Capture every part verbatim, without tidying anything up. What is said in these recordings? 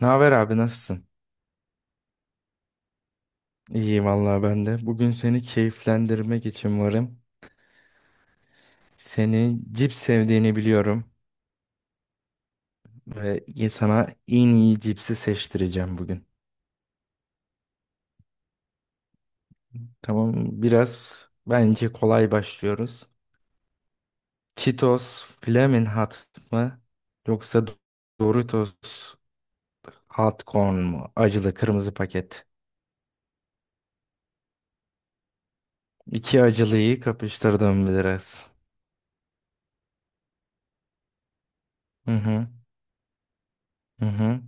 Ne haber abi, nasılsın? İyiyim vallahi ben de. Bugün seni keyiflendirmek için varım. Seni cips sevdiğini biliyorum ve sana en iyi cipsi seçtireceğim bugün. Tamam, biraz bence kolay başlıyoruz. Cheetos Flamin' Hot mı yoksa Doritos Hot Corn mu? Acılı kırmızı paket. İki acılıyı kapıştırdım biraz. Hı hı hı hı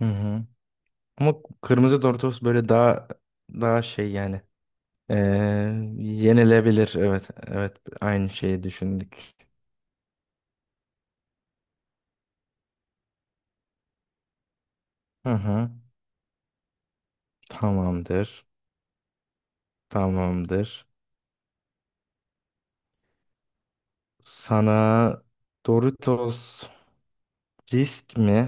hı. Hı. Ama kırmızı Doritos böyle daha daha şey yani. Ee, Yenilebilir. Evet, evet. Aynı şeyi düşündük. Hı hı. Tamamdır. Tamamdır. Sana Doritos risk mi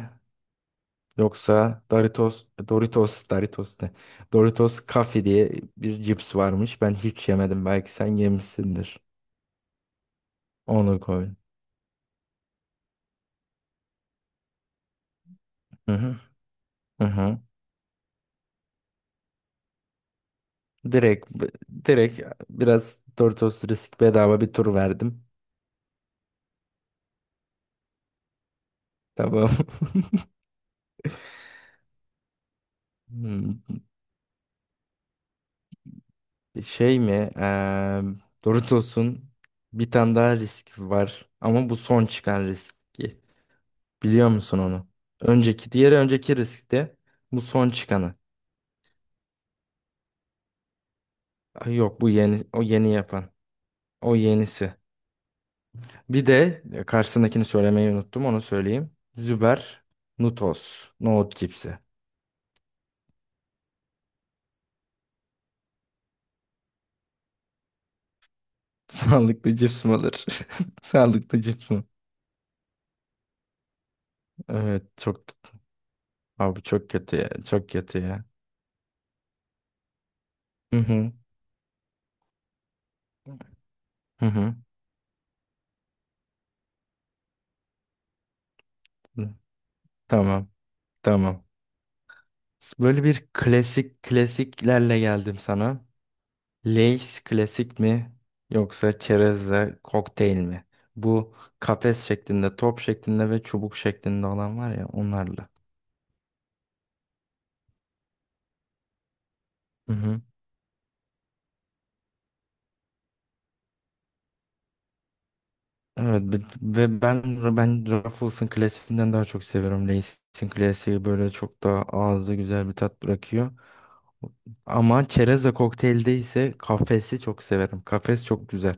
yoksa Doritos Doritos Doritos ne? Doritos Kafi diye bir cips varmış. Ben hiç yemedim. Belki sen yemişsindir. Onu koy. Hı hı. Hı hı. Direkt direkt biraz Doritos risk, bedava bir tur verdim. Tamam. Hmm. Şey mi? Eee Doritos'un bir tane daha risk var. Ama bu son çıkan riski. Biliyor musun onu? Önceki, diğeri önceki riskti. Bu son çıkanı. Ay yok, bu yeni, o yeni yapan. O yenisi. Bir de e, karşısındakini söylemeyi unuttum. Onu söyleyeyim. Züber Nutos. Nohut cipsi. Sağlıklı cips mi olur? Sağlıklı cips mi? Evet çok abi, çok kötü ya. Çok kötü ya. Hı hı. Hı hı. Hı. Tamam. Tamam. Böyle bir klasik klasiklerle geldim sana. Lay's klasik mi yoksa çerezle kokteyl mi? Bu kafes şeklinde, top şeklinde ve çubuk şeklinde olan var ya, onlarla. Hı hı. Evet, b- ve ben ben Ruffles'ın klasiğinden daha çok seviyorum. Lay's'in klasiği böyle çok daha ağızda güzel bir tat bırakıyor. Ama çerezle kokteylde ise kafesi çok severim. Kafes çok güzel.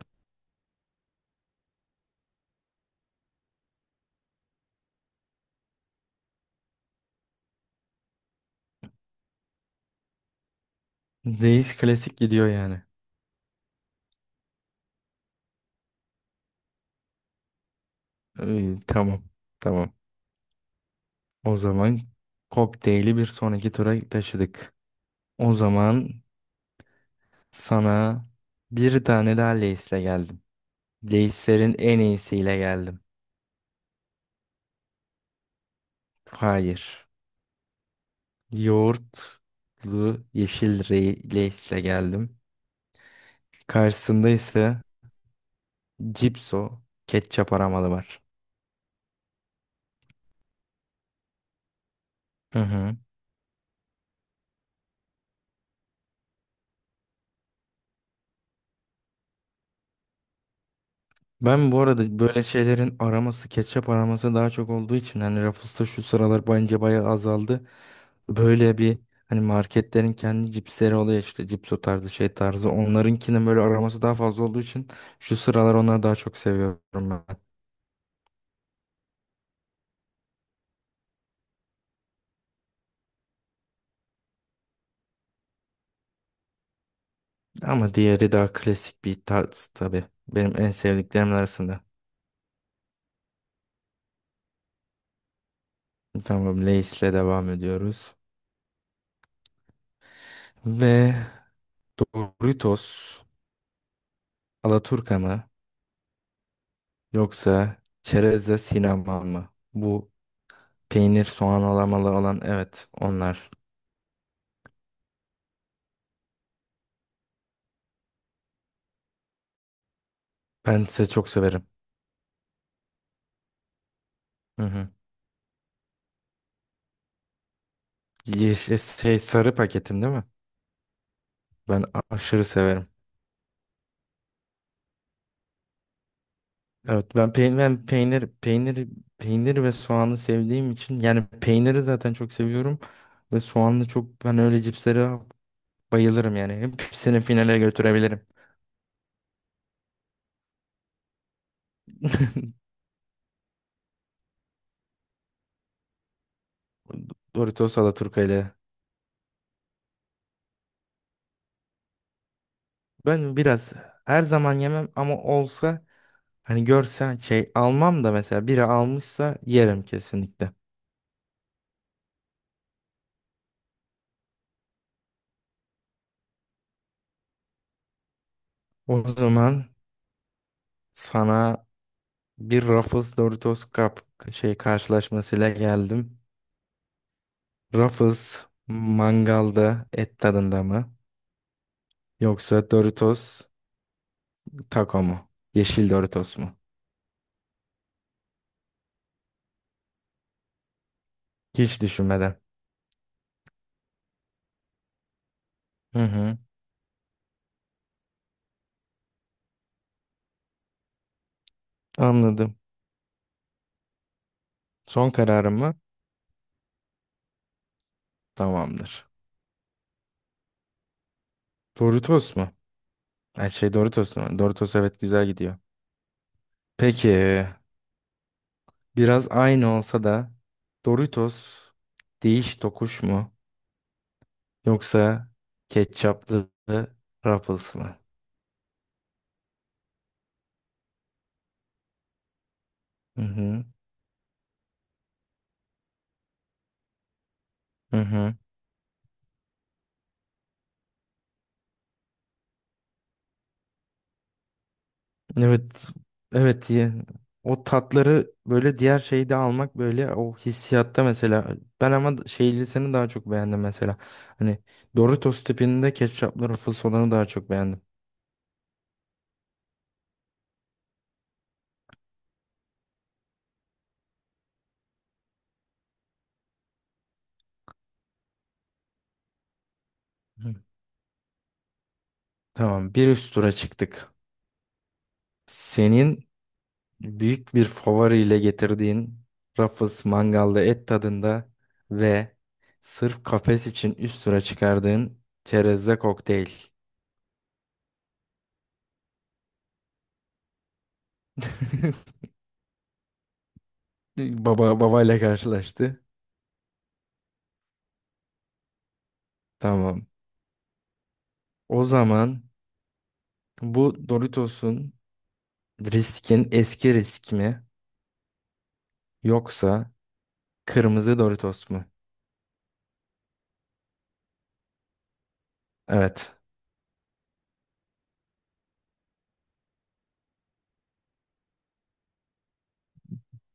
Lay's klasik gidiyor yani. İyi, tamam. Tamam. O zaman kokteyli bir sonraki tura taşıdık. O zaman sana bir tane daha Lay's'le geldim. Lay's'lerin en iyisiyle geldim. Hayır. Yoğurtlu yeşil re- Lay's'le geldim. Karşısında ise Cipso ketçap aramalı var. Hı hı. Ben bu arada böyle şeylerin araması, ketçap araması daha çok olduğu için hani Ruffles'ta şu sıralar bence bayağı azaldı. Böyle bir hani marketlerin kendi cipsleri oluyor işte, cipso tarzı şey tarzı. Onlarınkinin böyle araması daha fazla olduğu için şu sıralar onları daha çok seviyorum ben. Ama diğeri daha klasik bir tarz tabii. Benim en sevdiklerim arasında. Tamam, Lay's'le devam ediyoruz. Ve Doritos, Alaturka mı yoksa Çerezle sinema mı? Bu peynir, soğan, alamalı olan, evet, onlar. Ben size çok severim. Hı hı. Yeşil şey şey, sarı paketin değil mi? Ben a- aşırı severim. Evet, ben peynir ben peynir peynir peynir ve soğanı sevdiğim için yani peyniri zaten çok seviyorum ve soğanlı çok, ben öyle cipslere bayılırım yani. Hepsini finale götürebilirim. Doritos Alaturka ile. Ben biraz her zaman yemem ama olsa, hani, görsen şey almam da mesela biri almışsa yerim kesinlikle. O zaman sana bir Ruffles Doritos Cup şey karşılaşmasıyla geldim. Ruffles mangalda et tadında mı? Yoksa Doritos taco mu? Yeşil Doritos mu? Hiç düşünmeden. Hı hı. Anladım. Son kararım mı? Tamamdır. Doritos mu? Ay şey, Doritos mu? Doritos, evet, güzel gidiyor. Peki, biraz aynı olsa da Doritos değiş tokuş mu? Yoksa ketçaplı Ruffles mı? Hı hı. Hı hı. Evet. Evet. ye- O tatları böyle diğer şeyde almak, böyle o hissiyatta mesela. Ben ama şeylisini daha çok beğendim mesela. Hani Doritos tipinde ketçaplı Ruffles olanı daha çok beğendim. Hı. Tamam. Bir üst tura çıktık. Senin büyük bir favoriyle getirdiğin Ruffles mangalda et tadında ve sırf kafes için üst tura çıkardığın çerezle kokteyl. Baba babayla karşılaştı. Tamam. O zaman bu Doritos'un riskin, eski risk mi yoksa kırmızı Doritos mu? Evet.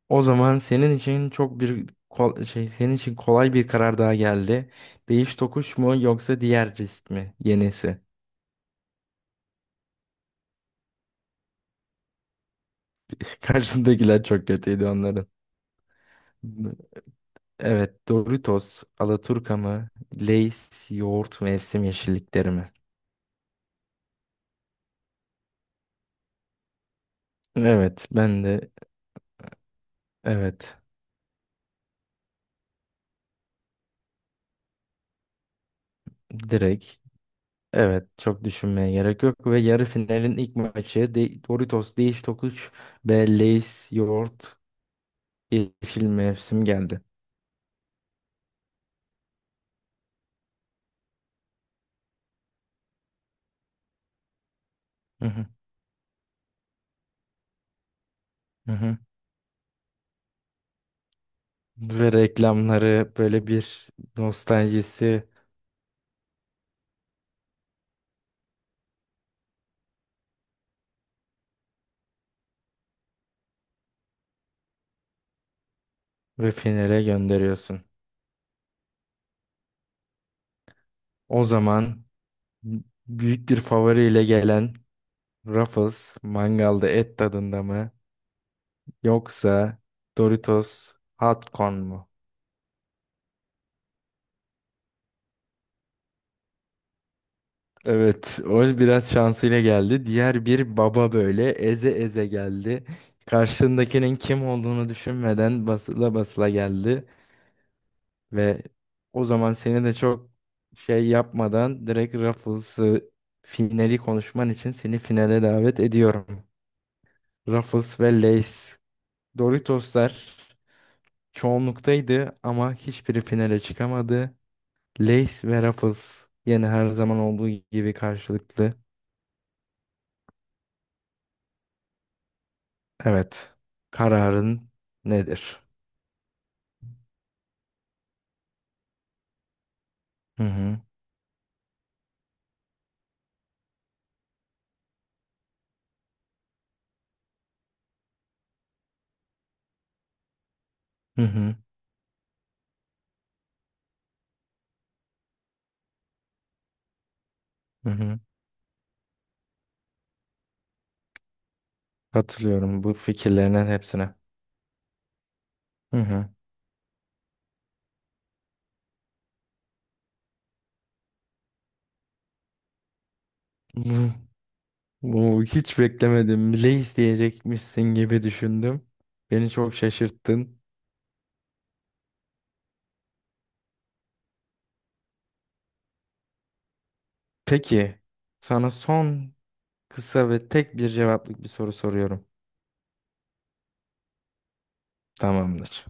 O zaman senin için çok bir kol- şey senin için kolay bir karar daha geldi. Değiş tokuş mu yoksa diğer risk mi? Yenisi. Karşındakiler çok kötüydü onların. Evet, Doritos, Alaturka mı? Lay's, yoğurt, mevsim yeşillikleri mi? Evet, ben de, evet. Direkt, evet, çok düşünmeye gerek yok ve yarı finalin ilk maçı de Doritos Değiş Tokuş ve Lay's yoğurt yeşil mevsim geldi. Hı hı, hı hı. Ve reklamları böyle bir nostaljisi ve finale gönderiyorsun. O zaman büyük bir favoriyle gelen Ruffles mangalda et tadında mı yoksa Doritos hot corn mu? Evet, o biraz şansıyla geldi. Diğer bir baba böyle eze eze geldi. Karşındakinin kim olduğunu düşünmeden basıla basıla geldi ve o zaman seni de çok şey yapmadan direkt Ruffles'ı, finali konuşman için seni finale davet ediyorum. Ruffles ve Lay's. Doritoslar çoğunluktaydı ama hiçbiri finale çıkamadı. Lace ve Ruffles, yine her zaman olduğu gibi karşılıklı. Evet. Kararın nedir? Hı hı. Hı hı. Hı hı. Katılıyorum bu fikirlerinin hepsine. Hı hı. Bu, bu hiç beklemedim. Lace diyecekmişsin gibi düşündüm. Beni çok şaşırttın. Peki, sana son, kısa ve tek bir cevaplık bir soru soruyorum. Tamamdır.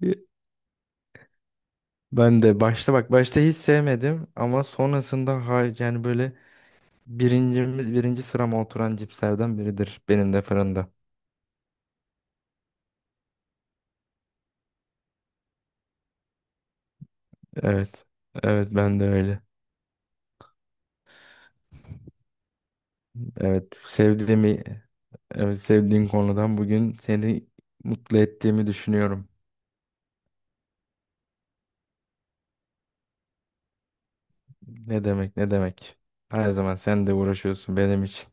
Ben de başta, bak, başta hiç sevmedim ama sonrasında, ha, yani böyle birincimiz, birinci sırama oturan cipslerden biridir benim de, fırında. Evet. Evet, ben de öyle. Evet sevdiğimi evet, Sevdiğin konudan bugün seni mutlu ettiğimi düşünüyorum. Ne demek, ne demek. Her zaman sen de uğraşıyorsun benim için.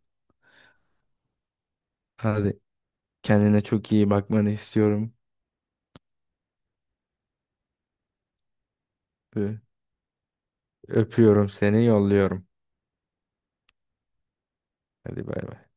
Hadi, kendine çok iyi bakmanı istiyorum. Ö- Öpüyorum, seni yolluyorum. Hadi, bay bay.